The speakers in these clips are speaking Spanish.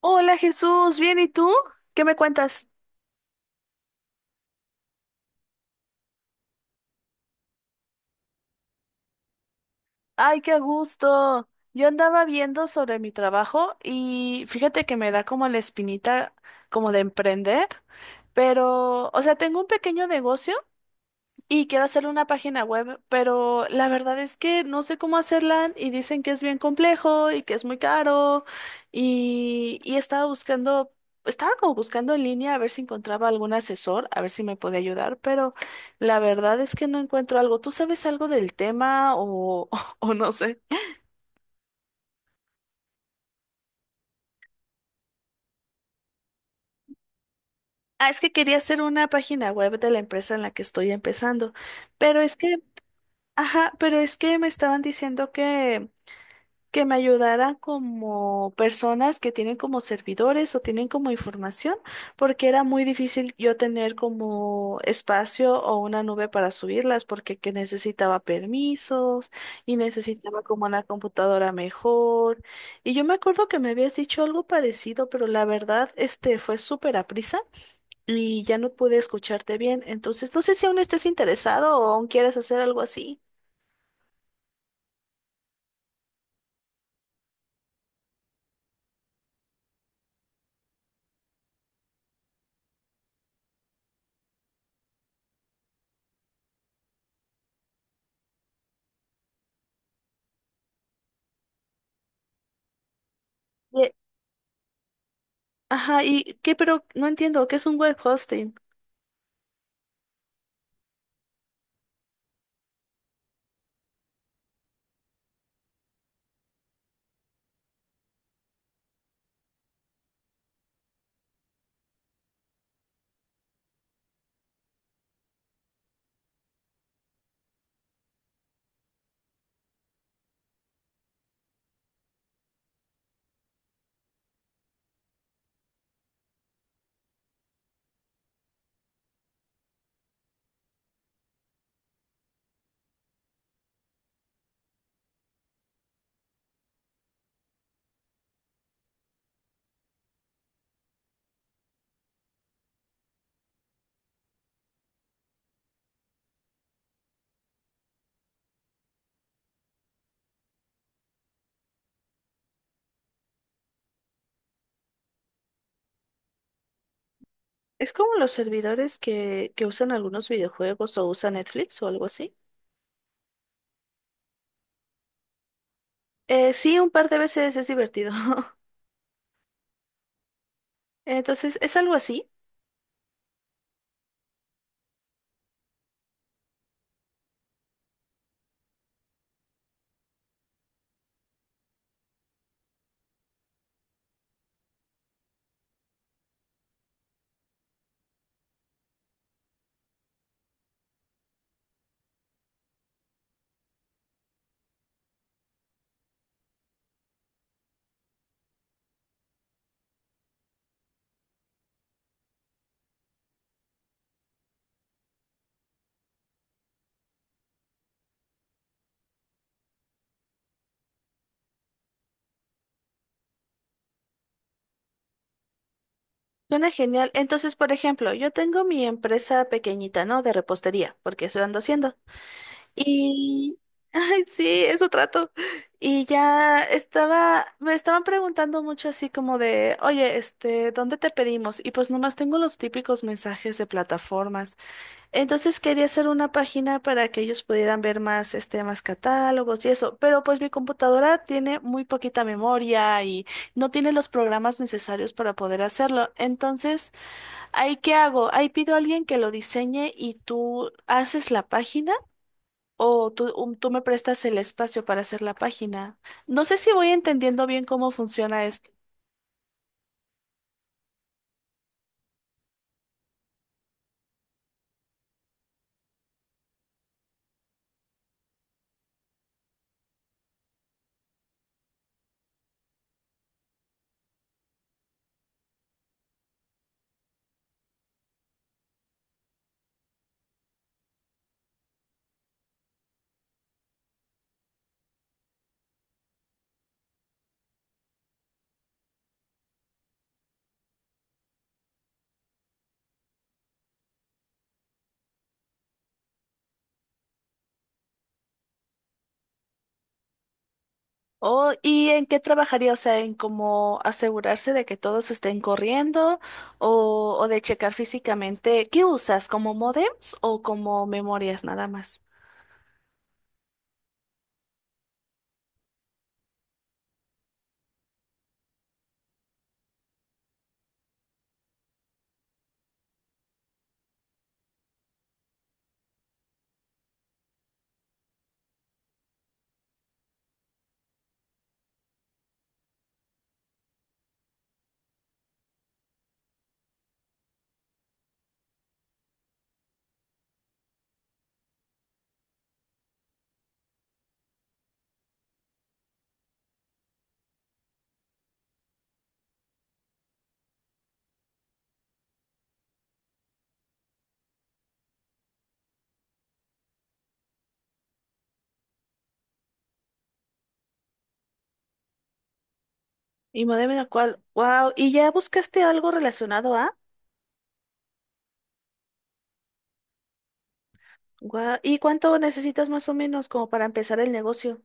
Hola Jesús, ¿bien y tú? ¿Qué me cuentas? Ay, qué gusto. Yo andaba viendo sobre mi trabajo y fíjate que me da como la espinita como de emprender, pero, o sea, tengo un pequeño negocio. Y quiero hacer una página web, pero la verdad es que no sé cómo hacerla y dicen que es bien complejo y que es muy caro y estaba buscando, estaba como buscando en línea a ver si encontraba algún asesor, a ver si me podía ayudar, pero la verdad es que no encuentro algo. ¿Tú sabes algo del tema o, o no sé? Ah, es que quería hacer una página web de la empresa en la que estoy empezando, pero es que, ajá, pero es que me estaban diciendo que me ayudara como personas que tienen como servidores o tienen como información, porque era muy difícil yo tener como espacio o una nube para subirlas, porque que necesitaba permisos y necesitaba como una computadora mejor. Y yo me acuerdo que me habías dicho algo parecido, pero la verdad, este fue súper aprisa y ya no pude escucharte bien. Entonces, no sé si aún estés interesado o aún quieres hacer algo así. Y- Ajá, ¿y qué? Pero no entiendo, ¿qué es un web hosting? Es como los servidores que usan algunos videojuegos o usa Netflix o algo así. Sí, un par de veces, es divertido. Entonces, es algo así. Suena genial. Entonces, por ejemplo, yo tengo mi empresa pequeñita, ¿no? De repostería, porque eso ando haciendo. Y ay, sí, eso trato. Y ya estaba, me estaban preguntando mucho así como de, oye, este, ¿dónde te pedimos? Y pues nomás tengo los típicos mensajes de plataformas. Entonces quería hacer una página para que ellos pudieran ver más, este, más catálogos y eso, pero pues mi computadora tiene muy poquita memoria y no tiene los programas necesarios para poder hacerlo. Entonces, ¿ahí qué hago? Ahí pido a alguien que lo diseñe y tú haces la página o tú, tú me prestas el espacio para hacer la página. No sé si voy entendiendo bien cómo funciona. Oh, ¿y en qué trabajaría? O sea, ¿en cómo asegurarse de que todos estén corriendo o de checar físicamente? ¿Qué usas? ¿Como modems o como memorias nada más? ¿Y modem en el cual? Wow, ¿y ya buscaste algo relacionado a? Guau. ¿Y cuánto necesitas más o menos como para empezar el negocio?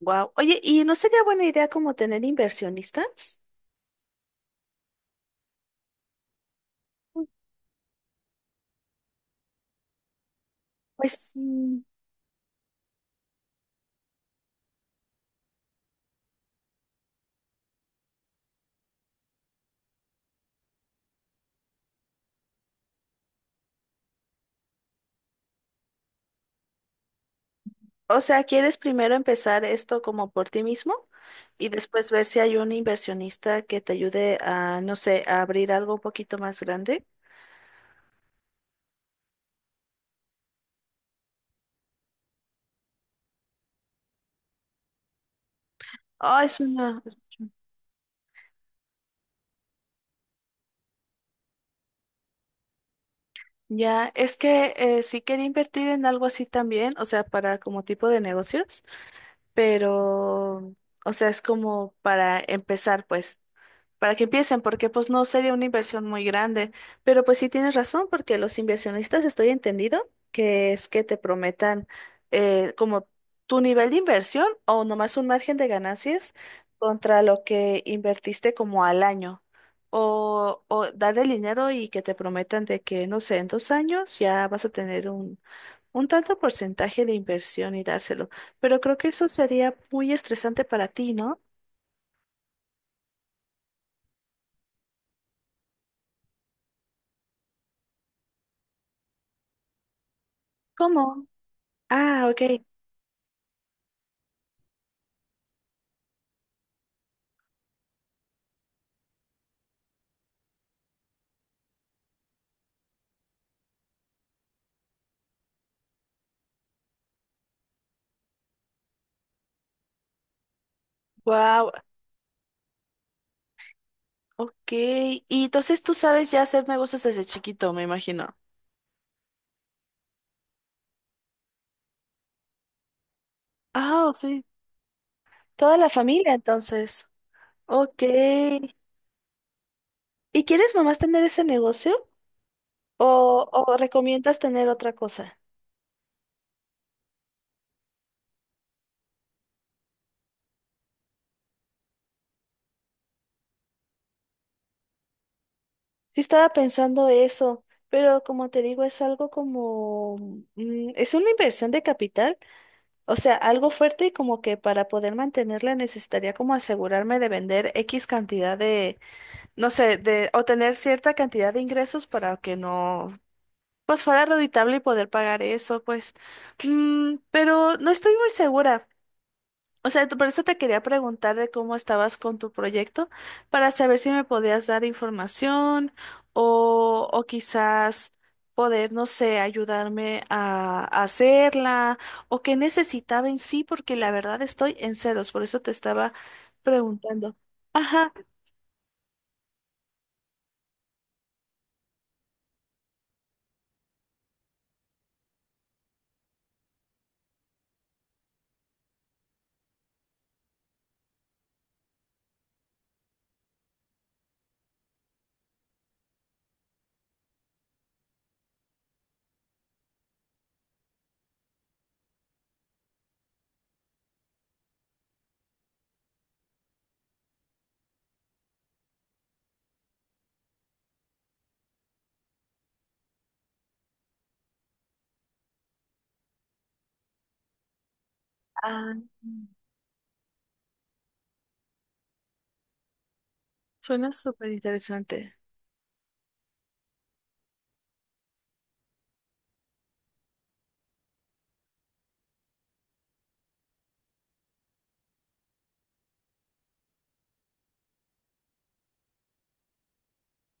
Wow. Oye, ¿y no sería buena idea como tener inversionistas? Pues, mm. O sea, ¿quieres primero empezar esto como por ti mismo y después ver si hay un inversionista que te ayude a, no sé, a abrir algo un poquito más grande? Ah, es una, ya, es que sí quería invertir en algo así también, o sea, para como tipo de negocios, pero, o sea, es como para empezar, pues. Para que empiecen, porque pues no sería una inversión muy grande. Pero pues sí tienes razón, porque los inversionistas, estoy entendido que es que te prometan como tu nivel de inversión o nomás un margen de ganancias contra lo que invertiste como al año. O dar el dinero y que te prometan de que, no sé, en 2 años ya vas a tener un tanto porcentaje de inversión y dárselo. Pero creo que eso sería muy estresante para ti, ¿no? ¿Cómo? Ah, ok. Wow. Ok, y entonces tú sabes ya hacer negocios desde chiquito, me imagino. Ah, sí. Toda la familia, entonces. Ok. ¿Y quieres nomás tener ese negocio? O recomiendas tener otra cosa? Sí estaba pensando eso, pero como te digo, es algo como... mm, es una inversión de capital, o sea, algo fuerte y como que para poder mantenerla necesitaría como asegurarme de vender X cantidad de, no sé, de, o tener cierta cantidad de ingresos para que no, pues, fuera reditable y poder pagar eso, pues. Mm, pero no estoy muy segura. O sea, por eso te quería preguntar de cómo estabas con tu proyecto, para saber si me podías dar información o quizás poder, no sé, ayudarme a hacerla o qué necesitaba en sí, porque la verdad estoy en ceros, por eso te estaba preguntando. Ajá. Ah, suena súper interesante.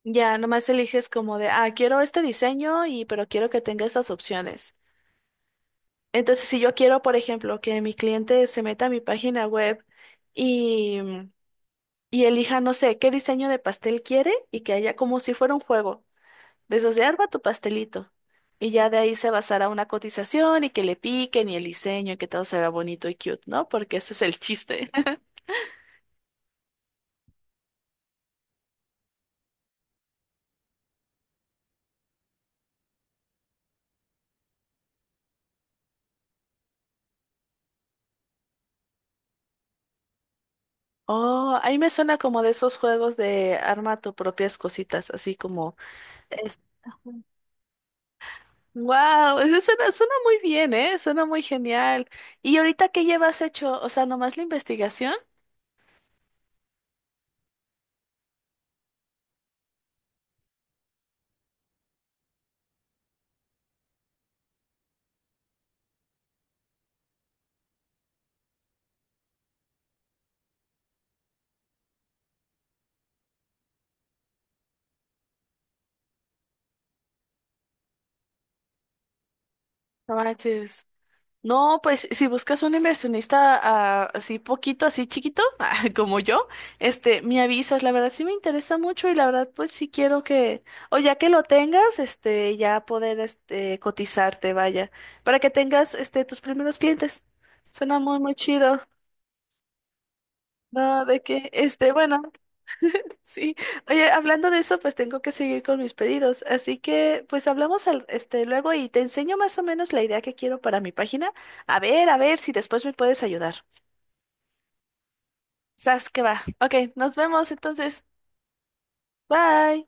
Ya, nomás eliges como de, ah, quiero este diseño, y pero quiero que tenga estas opciones. Entonces, si yo quiero, por ejemplo, que mi cliente se meta a mi página web y, y elija, no sé, qué diseño de pastel quiere y que haya como si fuera un juego, de esos de arma tu pastelito. Y ya de ahí se basará una cotización y que le piquen y el diseño y que todo se vea bonito y cute, ¿no? Porque ese es el chiste. Oh, ahí me suena como de esos juegos de arma tu propias cositas, así como... este, wow, eso suena, suena muy bien, ¿eh? Suena muy genial. ¿Y ahorita qué llevas hecho? O sea, nomás la investigación. No manches. No, pues si buscas un inversionista, ah, así poquito, así chiquito, ah, como yo, este, me avisas. La verdad sí me interesa mucho y la verdad pues sí quiero que, o ya que lo tengas, este, ya poder este cotizarte, vaya, para que tengas este tus primeros clientes. Suena muy muy chido. No, de que, este, bueno. Sí. Oye, hablando de eso, pues tengo que seguir con mis pedidos. Así que, pues hablamos al, este, luego y te enseño más o menos la idea que quiero para mi página. A ver si después me puedes ayudar. Sas, que va. Ok, nos vemos entonces. Bye.